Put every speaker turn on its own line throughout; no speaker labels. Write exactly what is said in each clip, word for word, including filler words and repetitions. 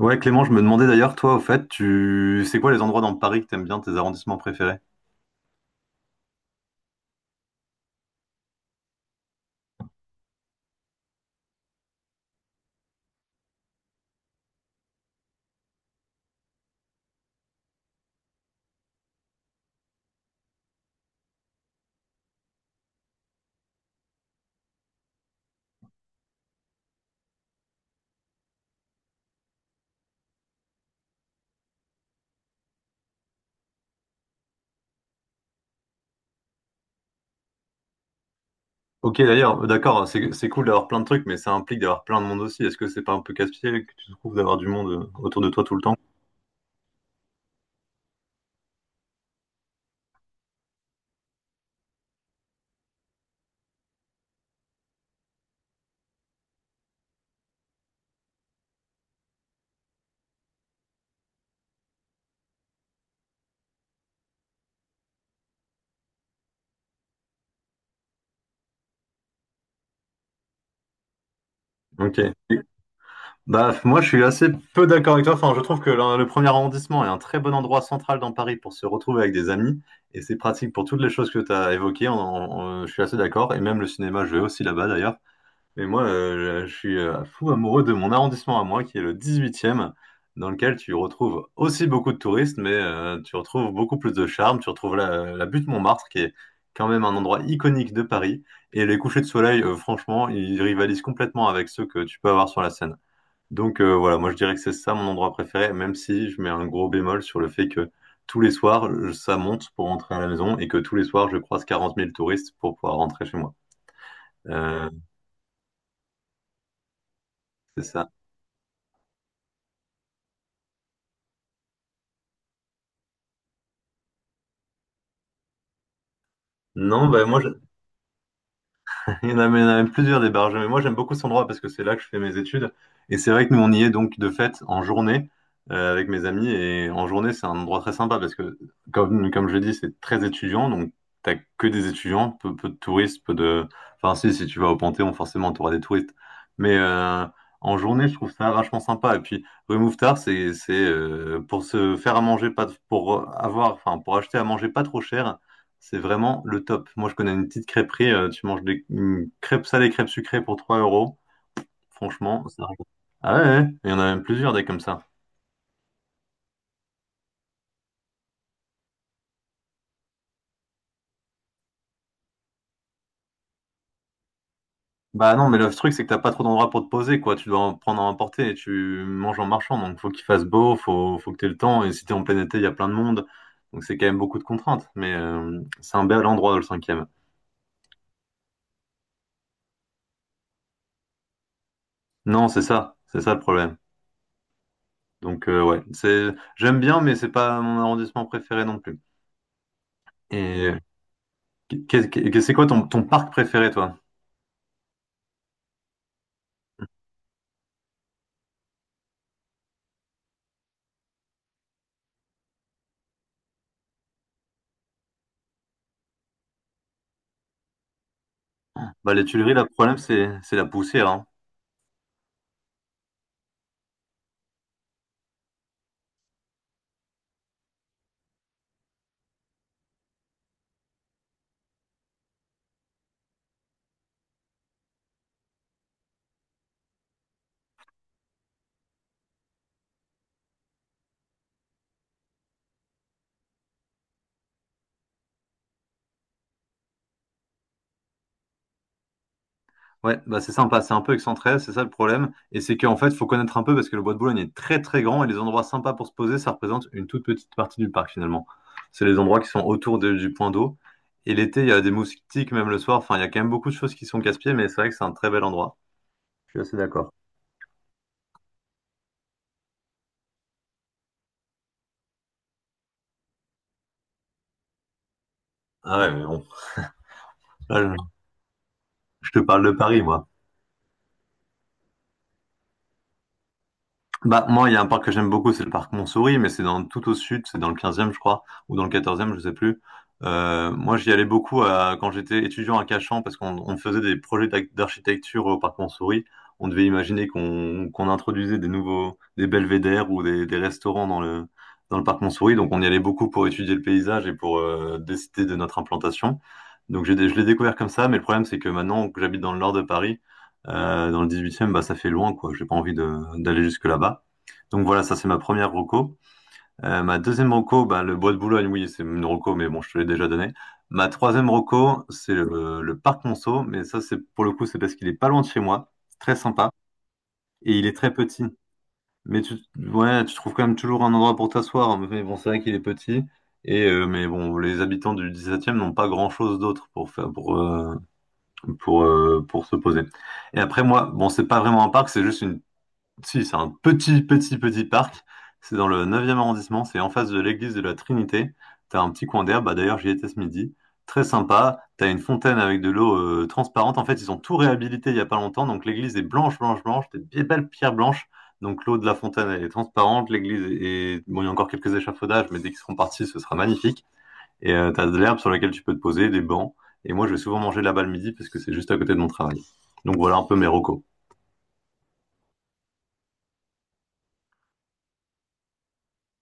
Ouais, Clément, je me demandais d'ailleurs, toi, au fait, tu c'est quoi les endroits dans Paris que t'aimes bien, tes arrondissements préférés? Ok, d'ailleurs, d'accord, c'est c'est cool d'avoir plein de trucs, mais ça implique d'avoir plein de monde aussi. Est-ce que c'est pas un peu casse-pied que tu trouves d'avoir du monde euh, autour de toi tout le temps? Ok. Bah, moi, je suis assez peu d'accord avec toi. Enfin, je trouve que le, le premier arrondissement est un très bon endroit central dans Paris pour se retrouver avec des amis, et c'est pratique pour toutes les choses que tu as évoquées. On- on- je suis assez d'accord, et même le cinéma, je vais aussi là-bas d'ailleurs. Et moi, euh, je suis euh, fou amoureux de mon arrondissement à moi, qui est le dix-huitième, dans lequel tu retrouves aussi beaucoup de touristes, mais euh, tu retrouves beaucoup plus de charme. Tu retrouves la, la butte Montmartre, qui est quand même un endroit iconique de Paris. Et les couchers de soleil, euh, franchement, ils rivalisent complètement avec ceux que tu peux avoir sur la Seine. Donc euh, voilà, moi je dirais que c'est ça mon endroit préféré, même si je mets un gros bémol sur le fait que tous les soirs, je- ça monte pour rentrer à la maison et que tous les soirs, je croise quarante mille touristes pour pouvoir rentrer chez moi. Euh, c'est ça. Non, bah moi, il y en a, mais il y en a même plusieurs des barges. Mais moi, j'aime beaucoup cet endroit parce que c'est là que je fais mes études. Et c'est vrai que nous, on y est donc de fait en journée euh, avec mes amis. Et en journée, c'est un endroit très sympa parce que, comme, comme je l'ai dit, c'est très étudiant. Donc, t'as que des étudiants, peu, peu de touristes, peu de. Enfin, si, si tu vas au Panthéon, forcément, t'auras des touristes. Mais euh, en journée, je trouve ça vachement sympa. Et puis, rue Mouffetard, c'est c'est, euh, pour se faire à manger, pas, pour avoir, enfin, pour acheter à manger pas trop cher c'est vraiment le top. Moi, je connais une petite crêperie. euh, tu manges des une crêpes salées, crêpes sucrées pour trois euros. Franchement, ça régale. Ah ouais, ouais, il y en a même plusieurs des comme ça. Bah non, mais le truc, c'est que t'as pas trop d'endroits pour te poser, quoi. Tu dois en prendre à emporter et tu manges en marchant. Donc, faut qu'il fasse beau, faut, faut que t'aies le temps. Et si t'es en plein été, il y a plein de monde. Donc, c'est quand même beaucoup de contraintes. Mais euh, c'est un bel endroit, le cinquième. Non, c'est ça. C'est ça le problème. Donc, euh, ouais. C'est, j'aime bien, mais c'est pas mon arrondissement préféré non plus. Et qu'est- qu'est- c'est quoi ton, ton parc préféré, toi? Bah, les Tuileries, là, le problème, c'est c'est la poussière, hein. Ouais, bah, c'est sympa, c'est un peu excentré, c'est ça le problème. Et c'est qu'en fait, il faut connaître un peu parce que le Bois de Boulogne est très très grand et les endroits sympas pour se poser, ça représente une toute petite partie du parc finalement. C'est les endroits qui sont autour de- du point d'eau. Et l'été, il y a des moustiques, même le soir. Enfin, il y a quand même beaucoup de choses qui sont casse-pieds, mais c'est vrai que c'est un très bel endroit. Je suis assez d'accord. Ah ouais, mais bon. Là, je je te parle de Paris, moi. Bah, moi, il y a un parc que j'aime beaucoup, c'est le parc Montsouris, mais c'est dans tout au sud, c'est dans le quinzième je crois, ou dans le quatorzième je sais plus. Euh, moi, j'y allais beaucoup à- quand j'étais étudiant à Cachan, parce qu'on on faisait des projets d'ac- d'architecture au parc Montsouris. On devait imaginer qu'on qu'on introduisait des nouveaux, des belvédères ou des, des restaurants dans le, dans le parc Montsouris. Donc, on y allait beaucoup pour étudier le paysage et pour euh, décider de notre implantation. Donc, j'ai, dé- je l'ai découvert comme ça, mais le problème, c'est que maintenant que j'habite dans le nord de Paris, euh, dans le dix-huitième, bah, ça fait loin, quoi. J'ai pas envie de, d'aller jusque là-bas. Donc voilà, ça c'est ma première reco. Euh, ma deuxième reco, bah, le bois de Boulogne, oui, c'est une reco, mais bon, je te l'ai déjà donné. Ma troisième reco, c'est le, le parc Monceau, mais ça c'est pour le coup, c'est parce qu'il est pas loin de chez moi, c'est très sympa, et il est très petit. Mais tu, ouais, tu trouves quand même toujours un endroit pour t'asseoir, hein. Mais bon, c'est vrai qu'il est petit. Et euh, mais bon, les habitants du dix-septième n'ont pas grand-chose d'autre pour faire pour euh, pour euh, pour se poser. Et après moi, bon, c'est pas vraiment un parc, c'est juste une si, c'est un petit, petit, petit parc. C'est dans le neuvième arrondissement. C'est en face de l'église de la Trinité. T'as un petit coin d'herbe. Bah, d'ailleurs, j'y étais ce midi. Très sympa. T'as une fontaine avec de l'eau euh, transparente. En fait, ils ont tout réhabilité il y a pas longtemps. Donc, l'église est blanche, blanche, blanche. T'as des belles pierres blanches. Donc, l'eau de la fontaine, elle est transparente. L'église est... Bon, il y a encore quelques échafaudages, mais dès qu'ils seront partis, ce sera magnifique. Et euh, t'as de l'herbe sur laquelle tu peux te poser, des bancs. Et moi, je vais souvent manger là-bas le midi parce que c'est juste à côté de mon travail. Donc, voilà un peu mes recos.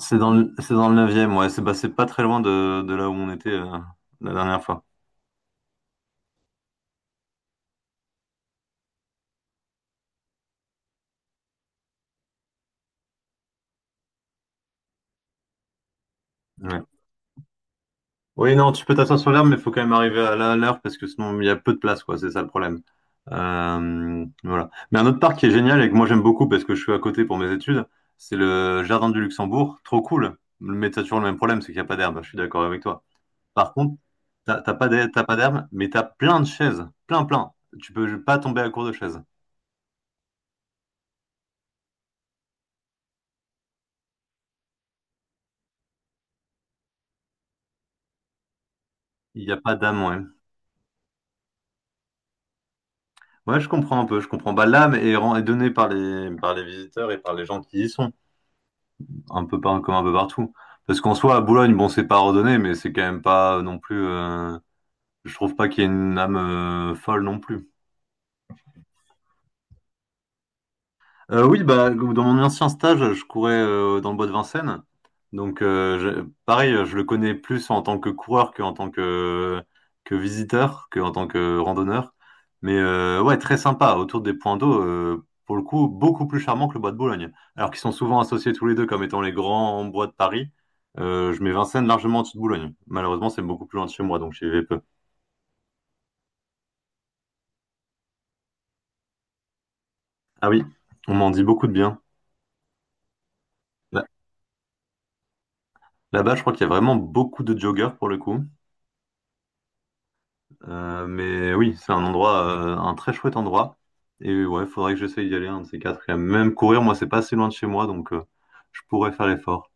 C'est dans le, c'est dans le neuvième, ouais. C'est bah, c'est pas très loin de, de là où on était euh, la dernière fois. Ouais. Oui, non, tu peux t'asseoir sur l'herbe, mais il faut quand même arriver à la- à l'heure parce que sinon il y a peu de place, quoi. C'est ça le problème. Euh, voilà. Mais un autre parc qui est génial et que moi j'aime beaucoup parce que je suis à côté pour mes études, c'est le Jardin du Luxembourg. Trop cool. Mais t'as toujours le même problème, c'est qu'il n'y a pas d'herbe. Je suis d'accord avec toi. Par contre, t'as t'as pas d'herbe, t'as pas d'herbe, mais t'as plein de chaises. Plein, plein. Tu peux pas tomber à court de chaises. Il n'y a pas d'âme, ouais. Ouais, je comprends un peu, je comprends. Bah, l'âme est, ren- est donnée par les, par les visiteurs et par les gens qui y sont, un peu par, comme un peu partout. Parce qu'en soi, à Boulogne, bon, c'est pas ordonné, mais c'est quand même pas non plus. Euh, je trouve pas qu'il y ait une âme euh, folle non plus. Euh, oui, bah, dans mon ancien stage, je courais euh, dans le bois de Vincennes. Donc, euh, je- pareil, je le connais plus en tant que coureur qu'en tant que, que visiteur, qu'en tant que randonneur. Mais euh, ouais, très sympa, autour des points d'eau, euh, pour le coup, beaucoup plus charmant que le bois de Boulogne. Alors qu'ils sont souvent associés tous les deux comme étant les grands bois de Paris. Euh, je mets Vincennes largement en dessous de Boulogne. Malheureusement, c'est beaucoup plus loin de chez moi, donc j'y vais peu. Ah oui, on m'en dit beaucoup de bien. Là- Là-bas, je crois qu'il y a vraiment beaucoup de joggeurs pour le coup. Euh, mais oui, c'est un endroit, euh, un très chouette endroit. Et ouais, faudrait que j'essaye d'y aller, un de ces quatre. Et même courir, moi, c'est pas assez loin de chez moi, donc euh, je pourrais faire l'effort.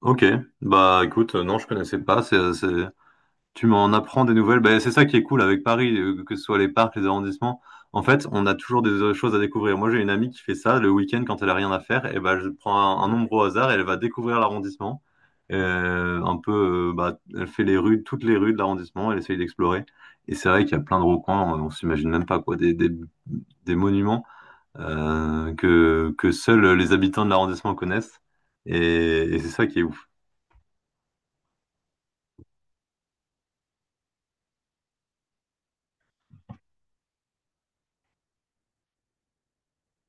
Ok, bah écoute, euh, non, je connaissais pas. C'est, c'est- Tu m'en apprends des nouvelles. Ben, c'est ça qui est cool avec Paris, euh, que ce soit les parcs, les arrondissements. En fait, on a toujours des euh, choses à découvrir. Moi, j'ai une amie qui fait ça le week-end quand elle a rien à faire. Et ben, je prends un, un nombre au hasard et elle va découvrir l'arrondissement. Euh, un peu, euh, bah, elle fait les rues, toutes les rues de l'arrondissement. Elle essaye d'explorer. Et c'est vrai qu'il y a plein de recoins. On, on s'imagine même pas quoi, des, des, des monuments euh, que que seuls les habitants de l'arrondissement connaissent. Et, et c'est ça qui est ouf.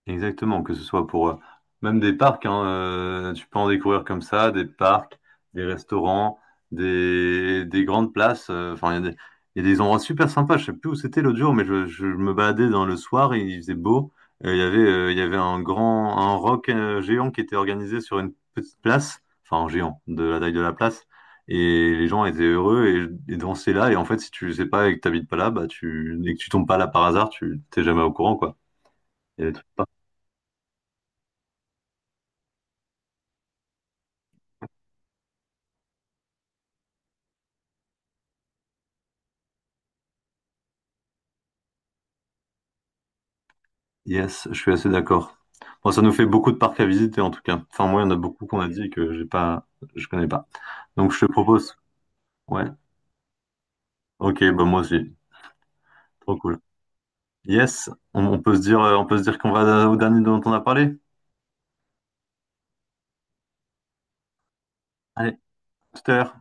Exactement, que ce soit pour euh, même des parcs, hein, euh, tu peux en découvrir comme ça, des parcs, des restaurants, des, des grandes places. euh, Enfin, il y a des, il y a des endroits super sympas. Je sais plus où c'était l'autre jour, mais je, je me baladais dans le soir et il faisait beau. Et il y avait, euh, il y avait un grand, un rock euh, géant qui était organisé sur une petite place, enfin un géant de la taille de la place. Et les gens étaient heureux et, et dansaient là. Et en fait, si tu sais pas et que t'habites pas là, bah tu, et que tu tombes pas là par hasard, tu t'es jamais au courant, quoi. Il y a des trucs. Yes, je suis assez d'accord. Bon, ça nous fait beaucoup de parcs à visiter en tout cas. Enfin, moi, il y en a beaucoup qu'on a dit que j'ai pas, je connais pas. Donc, je te propose. Ouais. Ok, bah moi aussi. Trop cool. Yes, on, on peut se dire, euh, on peut se dire qu'on va au dernier dont on a parlé. Allez, tout à l'heure.